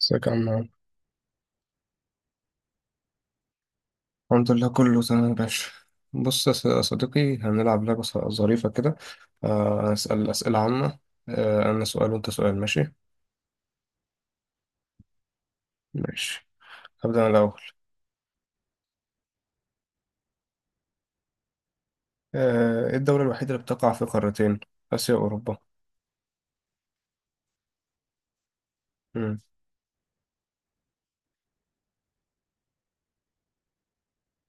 ازيك يا عم. الحمد لله، كله تمام يا باشا. بص يا يا صديقي، هنلعب لعبة ظريفة كده. هنسأل أسئلة عامة. أنا سؤال وأنت سؤال، ماشي؟ ماشي، هبدأ أنا الأول. إيه الدولة الوحيدة اللي بتقع في قارتين؟ آسيا وأوروبا. مم.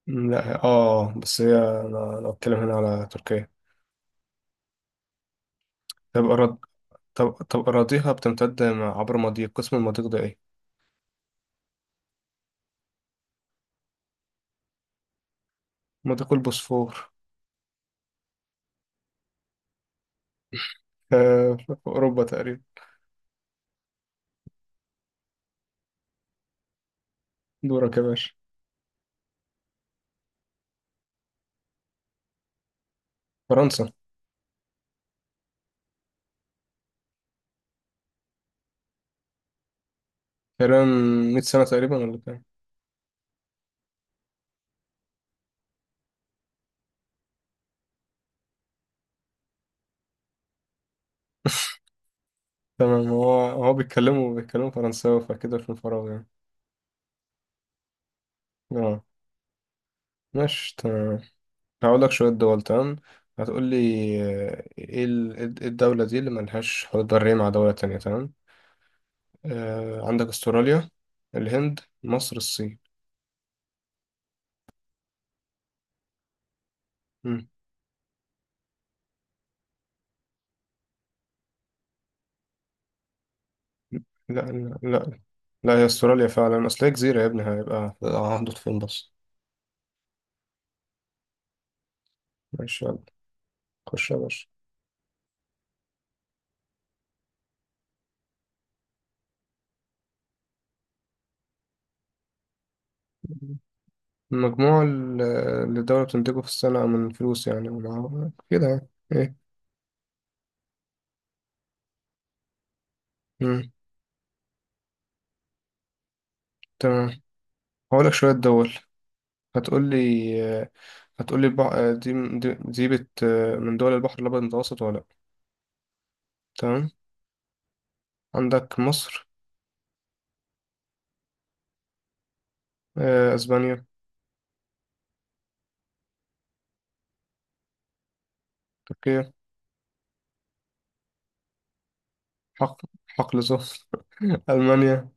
لا، بس هي، أنا لو أتكلم هنا على تركيا. طب أراض طب أراضيها بتمتد عبر مضيق، قسم المضيق ده إيه؟ مضيق البوسفور. آه، في أوروبا تقريبا. دورك يا باشا. فرنسا. تقريبا 100 سنة تقريبا ولا كام؟ تمام. هو بيتكلموا فرنساوي، فكده في الفراغ يعني. اه. ماشي تمام. هقول لك شوية دول، تمام؟ هتقول لي. إيه الدولة دي اللي ملهاش حدود برية مع دولة تانية، تمام؟ عندك استراليا، الهند، مصر، الصين. مم. لا، لا، لا. لا، هي استراليا فعلا، اصل هي جزيرة يا ابني، هيبقى هحدود فين بس. ماشي يلا. خش يا باشا. المجموع ال- اللي الدولة بتنتجه في السنة من فلوس يعني كده يعني. ايه. تمام. هقولك شوية دول، هتقولي هتقولي. دي دي, دي بت... من دول البحر الأبيض المتوسط ولا لأ، تمام؟ عندك مصر. أسبانيا. تركيا. حق حقل زهر. ألمانيا.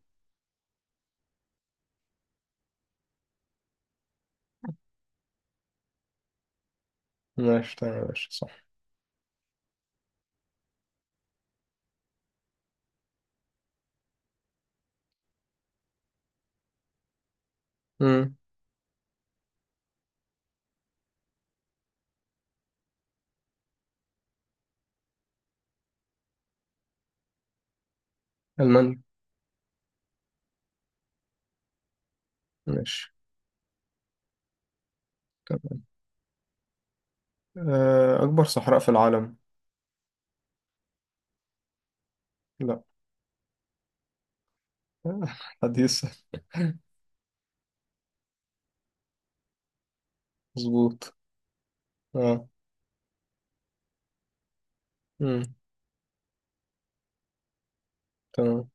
ماشي تمام يا باشا، صح. مم. ألمانيا. ماشي تمام. أكبر صحراء في العالم. لأ. حديثة. مظبوط، اه. مم. تمام.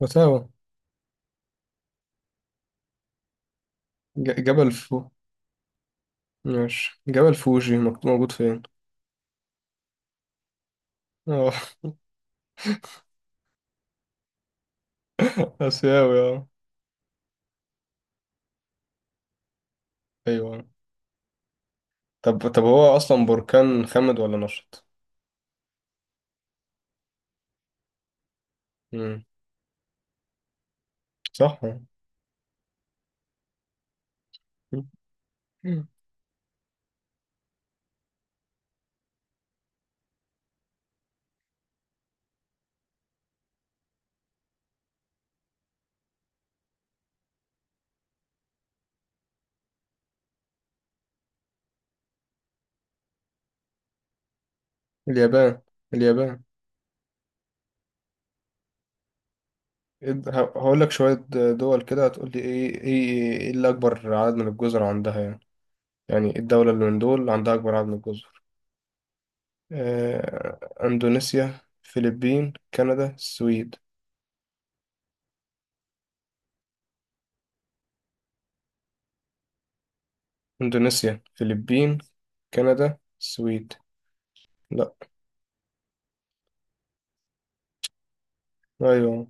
وتاوا. جبل فو. ماشي، جبل فوجي موجود فين؟ اه. آسيوي، اه. ايوه. طب هو اصلا بركان خمد ولا نشط؟ امم صح. مم. اليابان. اليابان. هقول لك شوية دول كده، هتقول لي ايه اللي اكبر عدد من الجزر عندها يعني. يعني إيه الدولة اللي من دول عندها اكبر عدد من الجزر؟ اندونيسيا، فلبين، كندا، السويد. اندونيسيا، فلبين، كندا، السويد. لا. ايوه.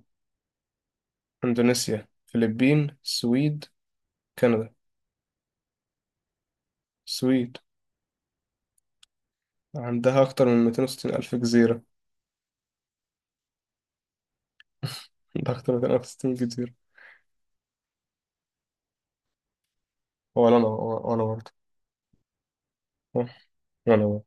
اندونيسيا، فلبين، السويد، كندا، السويد. عندها أكتر من 260 ألف جزيرة. عندها أكتر من 260 جزيرة. ولا أنا، وأنا برضه. صح؟ وأنا برضه.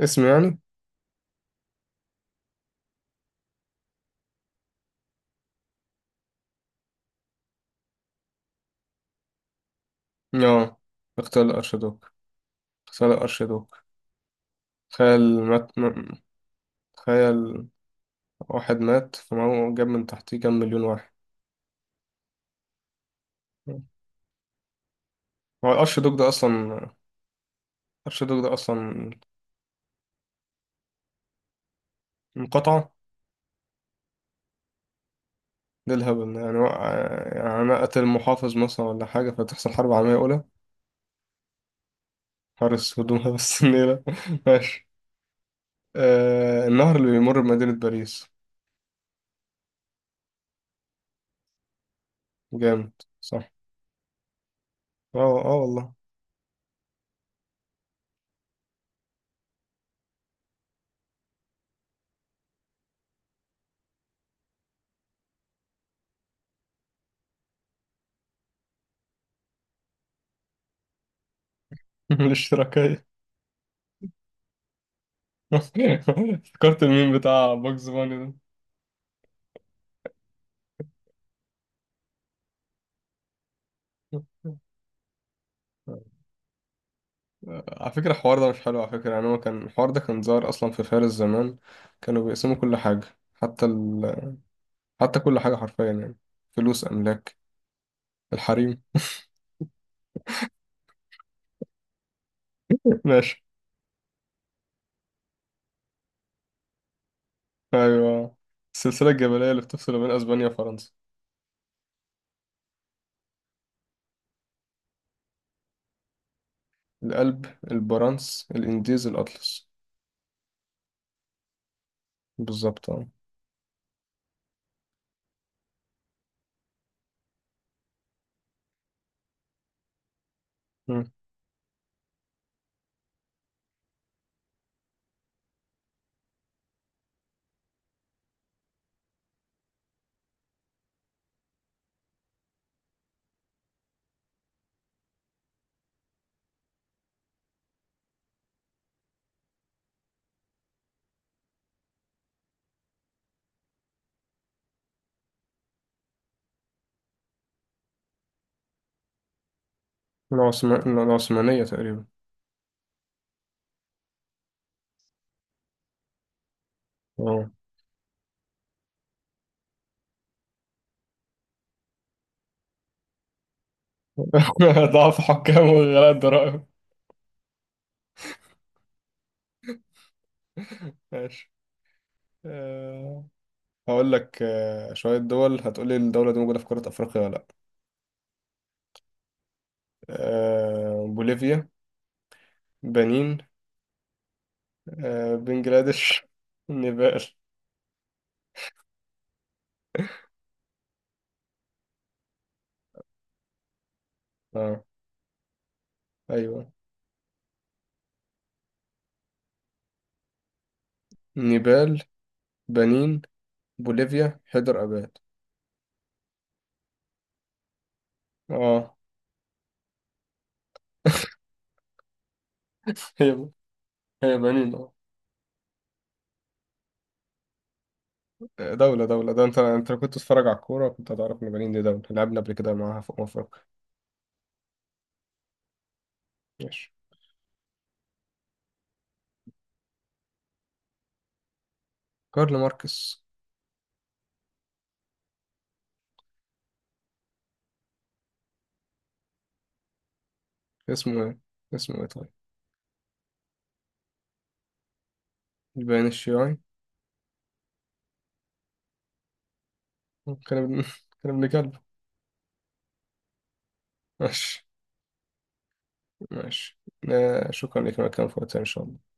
اسم يعني؟ آه. اغتيال الأرشيدوك. اغتيال الأرشيدوك. تخيل مات. تخيل، واحد مات فمعه جاب من تحتيه كام مليون واحد. هو الأرشيدوك ده أصلا. الأرشيدوك ده أصلا. انقطع. ده الهبل يعني. يعني أنا قتل محافظ مثلا ولا حاجة، فتحصل حرب عالمية أولى؟ حارس هدومها بس، النيلة. ماشي. النهر اللي بيمر بمدينة باريس. جامد. صح. اه، اه، والله. الاشتراكية. فكرت الميم بتاع باجز باني ده. على فكرة الحوار ده مش حلو على فكرة، يعني هو كان الحوار ده كان ظاهر أصلا في فارس زمان. كانوا بيقسموا كل حاجة. حتى ال... حتى كل حاجة حرفيا يعني. فلوس، أملاك، الحريم. ماشي. أيوة. السلسلة الجبلية اللي بتفصل بين أسبانيا وفرنسا. الألب، البرانس، الإنديز، الأطلس. بالظبط، اه. مم. العثمانية تقريبا. اه. ضعف حكام وغلاء الضرائب. ماشي. أه هقول لك شوية دول، هتقولي الدولة دي موجودة في قارة أفريقيا ولا لأ. بوليفيا، بنين، بنجلاديش. نيبال. اه. أيوه. نيبال، بنين، بوليفيا، حيدر أباد. اه. هي هي بنين، اه. دولة ده، انت لو كنت تتفرج على الكورة كنت هتعرف ان بنين دي دولة لعبنا قبل كده معاها في أمم أفريقيا. ماشي. كارل ماركس. اسمه ايه؟ اسمه ايه طيب؟ البيان الشيوعي. كلام كلام لكلب. ماشي. ماشي شكرا لك على الكلام في وقتها إن شاء الله.